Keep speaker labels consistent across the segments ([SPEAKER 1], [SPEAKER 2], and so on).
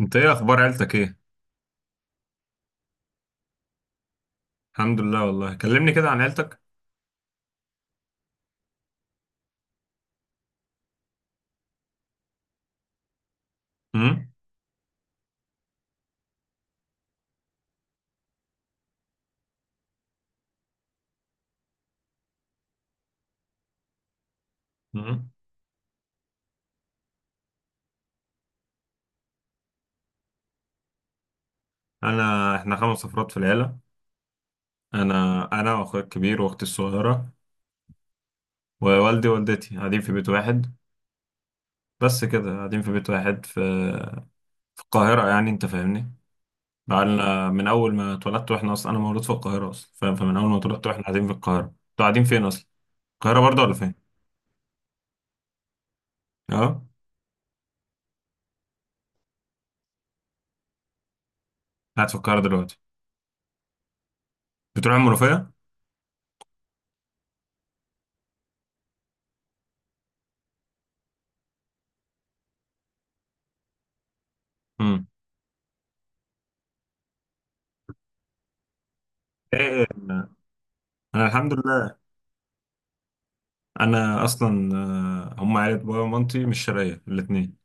[SPEAKER 1] انت، ايه اخبار عيلتك، ايه؟ الحمد لله. والله، كلمني كده عن عيلتك. امم. امم. انا، احنا خمس افراد في العيله. انا واخويا الكبير واختي الصغيره ووالدي ووالدتي قاعدين في بيت واحد. بس كده، قاعدين في بيت واحد في القاهره يعني، انت فاهمني؟ بقالنا من اول ما اتولدت واحنا اصلا، انا مولود في القاهره اصلا، فاهم. فمن اول ما اتولدت واحنا قاعدين في القاهره. انتوا قاعدين فين اصلا؟ القاهره برضه ولا فين؟ اه. قاعد في القاهره دلوقتي. بتروح المنوفيه؟ امم. ايه؟ انا الحمد لله. انا اصلا، هم عيلة بابا ومامتي مش شرقية الاتنين.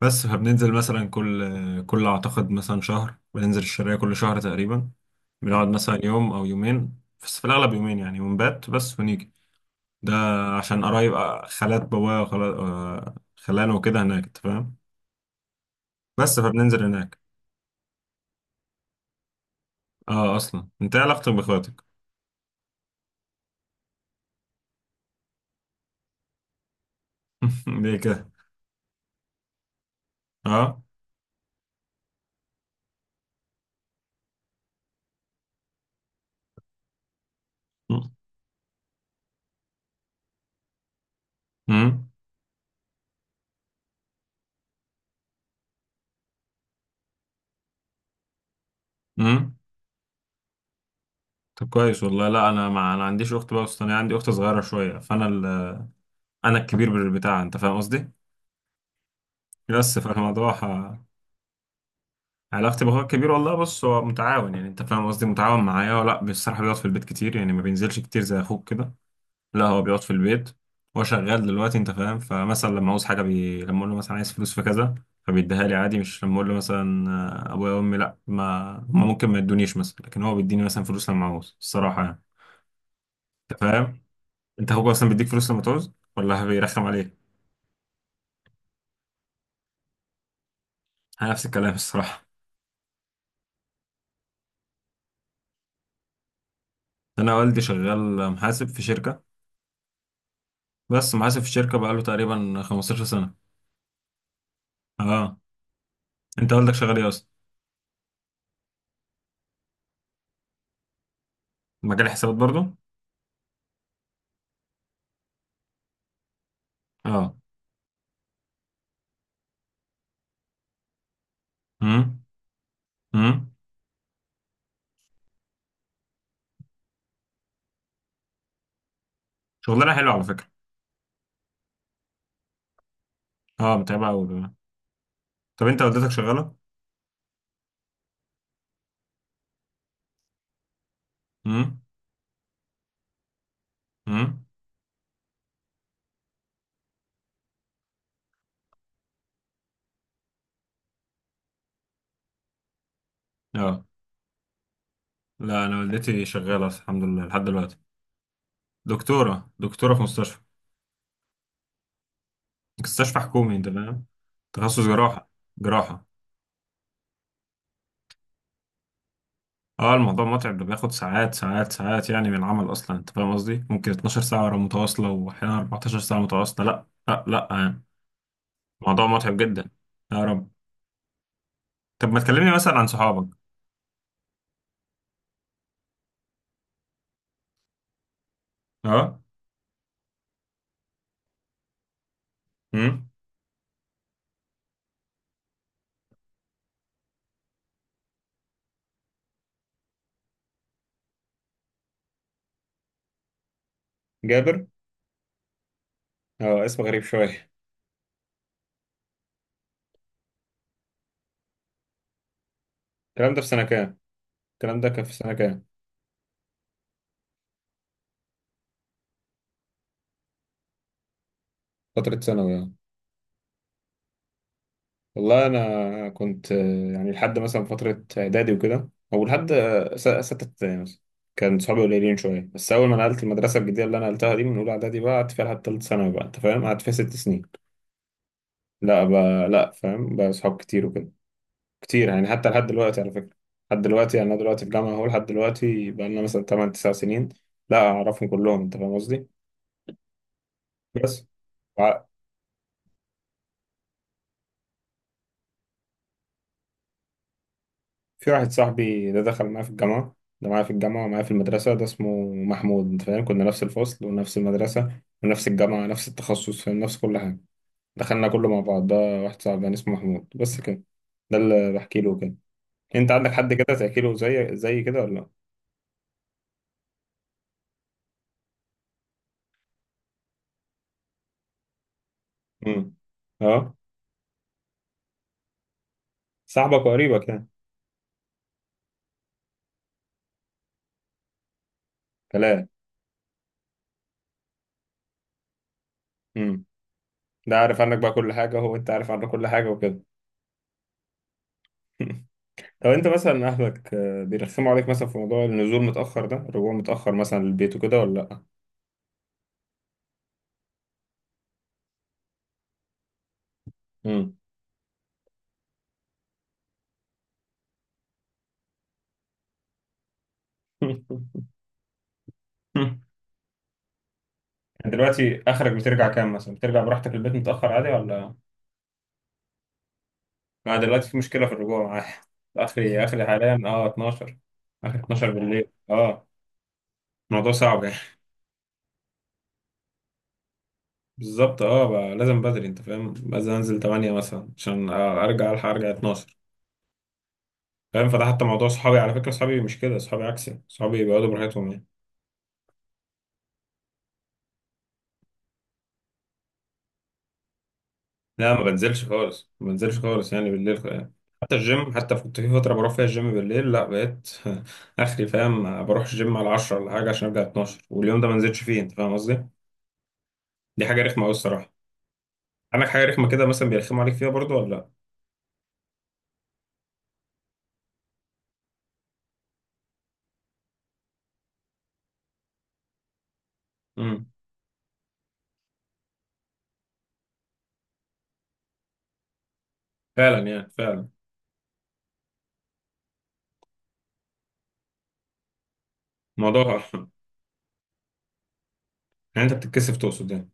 [SPEAKER 1] بس فبننزل مثلا كل اعتقد مثلا شهر، بننزل الشرقية كل شهر تقريبا. بنقعد مثلا يوم او يومين، بس في الاغلب يومين يعني، ونبات بس ونيجي. ده عشان قرايب، خالات بابا وخالات خلانه وكده هناك، انت فاهم. بس فبننزل هناك. اه، اصلا. انت إيه علاقتك باخواتك؟ ليه كده؟ اه. امم. امم. طب كويس والله. لا، انا، ما عنديش اخت بقى. بس انا عندي اخت صغيره شويه، فانا، انا الكبير بتاع، انت فاهم قصدي. بس فالموضوع علاقتي باخويا الكبير، والله بص، هو متعاون، يعني انت فاهم قصدي، متعاون معايا. ولا بصراحه بيقعد في البيت كتير يعني، ما بينزلش كتير زي اخوك كده. لا، هو بيقعد في البيت. هو شغال دلوقتي انت فاهم. فمثلا لما عاوز حاجه لما اقول له مثلا عايز فلوس في كذا، فبيديها لي عادي. مش لما اقول له مثلا، ابويا وامي، لا، ما هم ممكن ما يدونيش مثلا، لكن هو بيديني مثلا فلوس لما عاوز، الصراحه يعني. انت فاهم؟ انت اخوك اصلا بيديك فلوس لما تعوز ولا بيرخم عليك؟ انا نفس الكلام الصراحه. انا والدي شغال محاسب في شركه، بس محاسب في الشركة بقاله تقريبا 15 سنة. اه. انت والدك شغال ايه اصلا؟ مجال حسابات برضو. اه. امم. امم. شغلانة حلوة على فكرة. اه، متعبة قوي كمان. طب انت والدتك شغالة؟ امم. امم. اه. لا، انا والدتي شغالة الحمد لله لحد دلوقتي. دكتورة. دكتورة في مستشفى. مستشفى حكومي انت فاهم. تخصص جراحة. جراحة. اه، الموضوع متعب ده، بياخد ساعات ساعات ساعات يعني من العمل اصلا، انت فاهم قصدي، ممكن 12 ساعة متواصلة واحيانا 14 ساعة متواصلة. لا لا لا آه. موضوع متعب جدا. يا رب. طب ما تكلمني مثلا عن صحابك. اه. امم. جابر. اه، اسم غريب شوية. الكلام ده في سنة كام؟ الكلام ده كان في سنة كام؟ فترة ثانوي. اه. والله أنا كنت، يعني لحد مثلا فترة إعدادي وكده، أو لحد ستة ابتدائي مثلا. كان صحابي قليلين شوية، بس أول ما نقلت المدرسة الجديدة اللي أنا نقلتها دي من أولى إعدادي، بقى قعدت فيها لحد تالت ثانوي، بقى أنت فاهم؟ قعدت فيها 6 سنين. لا بقى، لا، فاهم بقى، صحاب كتير وكده. كتير يعني، حتى لحد دلوقتي على فكرة. لحد دلوقتي يعني، أنا دلوقتي في جامعة أهو، لحد دلوقتي بقالنا مثلا 8 9 سنين. لا، أعرفهم كلهم أنت فاهم قصدي. بس وع- في واحد صاحبي ده دخل معايا في الجامعة. ده معايا في الجامعة ومعايا في المدرسة. ده اسمه محمود أنت فاهم. كنا نفس الفصل ونفس المدرسة ونفس الجامعة، نفس التخصص، فاهم، نفس كل حاجة. دخلنا كله مع بعض ده. واحد صاحبي يعني اسمه محمود بس كده. ده اللي بحكي له كده. أنت عندك حد كده تحكي له زي كده ولا لأ؟ امم. أه. صاحبك وقريبك يعني. كلام. ده عارف عنك بقى كل حاجة هو، أنت عارف عنه كل حاجة وكده؟ طب أنت مثلا أهلك، بيرخموا عليك مثلا في موضوع النزول متأخر ده، الرجوع متأخر مثلا للبيت وكده ولا لأ؟ مم. دلوقتي آخرك بترجع كام مثلا؟ بترجع براحتك البيت متأخر عادي ولا؟ أنا دلوقتي في مشكلة في الرجوع معايا. آخري، آخري حاليا أه 12. آخر 12 بالليل أه. الموضوع صعب يعني. بالظبط، أه بقى لازم بدري، أنت فاهم؟ لازم أنزل 8 مثلا عشان أرجع ألحق أرجع 12. فاهم؟ فده حتى موضوع صحابي على فكرة. صحابي مش كده، صحابي عكسي، صحابي بيقعدوا براحتهم يعني. لا، ما بنزلش خالص، ما بنزلش خالص يعني بالليل يعني. حتى الجيم، حتى كنت في فترة بروح فيها الجيم بالليل، لا بقيت. آخري فاهم، بروح الجيم على 10 ولا حاجة عشان أرجع 12، واليوم ده ما نزلتش فيه أنت فاهم قصدي؟ دي حاجة رخمة أوي الصراحة. عندك حاجة رخمة كده مثلا بيرخموا عليك فيها برضو ولا لأ؟ امم. فعلا يعني فعلا. الموضوع. يعني أنت بتتكسف تقصد يعني.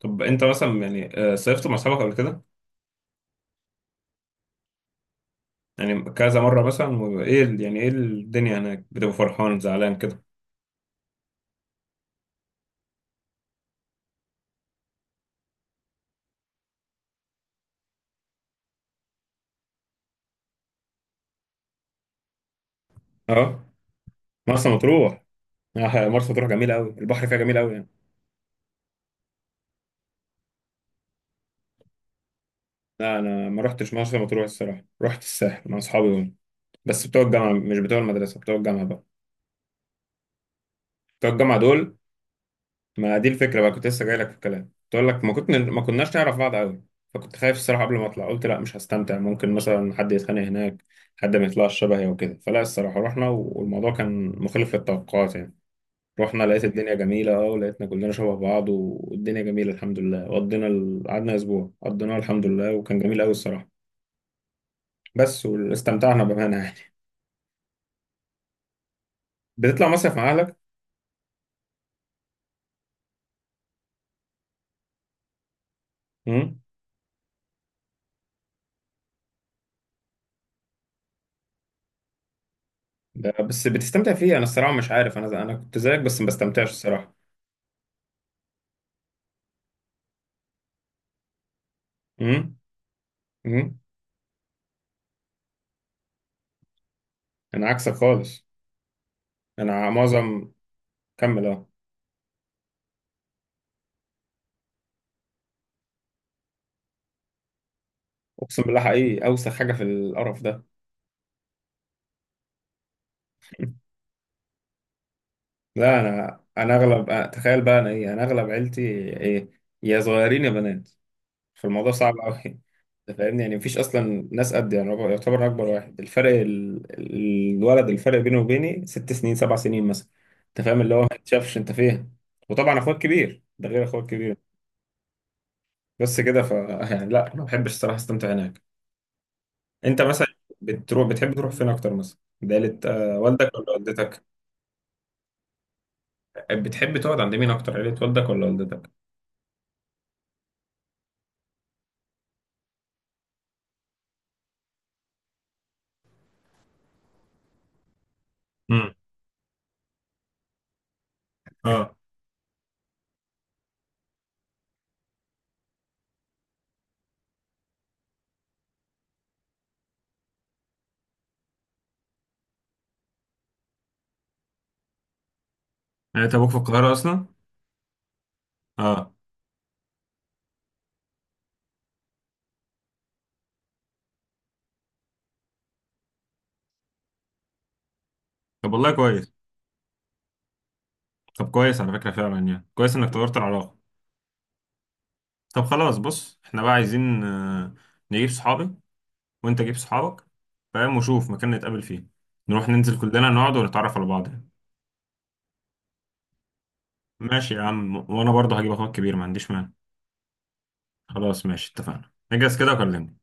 [SPEAKER 1] طب أنت مثلا يعني، صيفت مع أصحابك قبل كده؟ يعني كذا مرة مثلا ايه يعني ايه الدنيا هناك بتبقى فرحان زعلان كده؟ اه. مرسى مطروح. مرسى مطروح جميلة قوي، البحر فيها جميل قوي يعني. لا، انا ما رحتش مرسى مطروح الصراحة، رحت الساحل مع اصحابي دول. بس بتوع الجامعة، مش بتوع المدرسة، بتوع الجامعة بقى. بتوع الجامعة دول. ما دي الفكرة بقى، كنت لسه جاي لك في الكلام تقول لك، ما كنت ما كناش نعرف بعض قوي. فكنت خايف الصراحة قبل ما اطلع، قلت لا مش هستمتع، ممكن مثلا حد يتخانق هناك، حد ما يطلعش شبهي وكده. فلا الصراحة رحنا والموضوع كان مخالف للتوقعات يعني. رحنا، لقيت الدنيا جميلة اه، ولقيتنا كلنا شبه بعض والدنيا جميلة الحمد لله. وقضينا قعدنا أسبوع قضيناه الحمد لله وكان جميل أوي الصراحة. بس واستمتعنا بأمانة يعني. بتطلع مصيف مع أهلك؟ أمم. بس بتستمتع فيه؟ أنا الصراحة مش عارف، أنا أنا كنت زيك بس ما بستمتعش الصراحة. أمم. أمم. أنا عكسك خالص. أنا معظم. كمل أه. أقسم بالله حقيقي أوسخ حاجة في القرف ده. لا، أنا أغلب، تخيل بقى، أنا إيه، أنا أغلب عيلتي. إيه. يا صغيرين يا بنات. فالموضوع صعب قوي. انت فاهمني يعني، مفيش اصلا ناس قد يعني. هو يعتبر أنا اكبر واحد، الفرق الولد، الفرق بينه وبيني 6 سنين 7 سنين مثلا. انت فاهم اللي هو ما يتشافش انت فين. وطبعا اخوك كبير ده غير اخوك كبير. بس كده ف. يعني لا، ما بحبش الصراحه استمتع هناك. انت مثلا بتروح، بتحب تروح فين اكتر مثلا؟ عيلة، والدك ولا والدتك؟ بتحب تقعد عند مين اكتر، عيلة والدك ولا والدتك؟ امم. اه يعني انت ابوك في القاهره اصلا. اه طب والله كويس. طب كويس على فكره، فعلا يعني، كويس انك طورت العلاقه. طب خلاص بص، احنا بقى عايزين، نجيب صحابي وانت جيب صحابك، فاهم، وشوف مكان نتقابل فيه، نروح ننزل كلنا نقعد ونتعرف على بعض يعني. ماشي يا عم، وانا برضه هجيب اخوك كبير، ما عنديش مانع. خلاص ماشي، اتفقنا، اجهز كده وكلمني.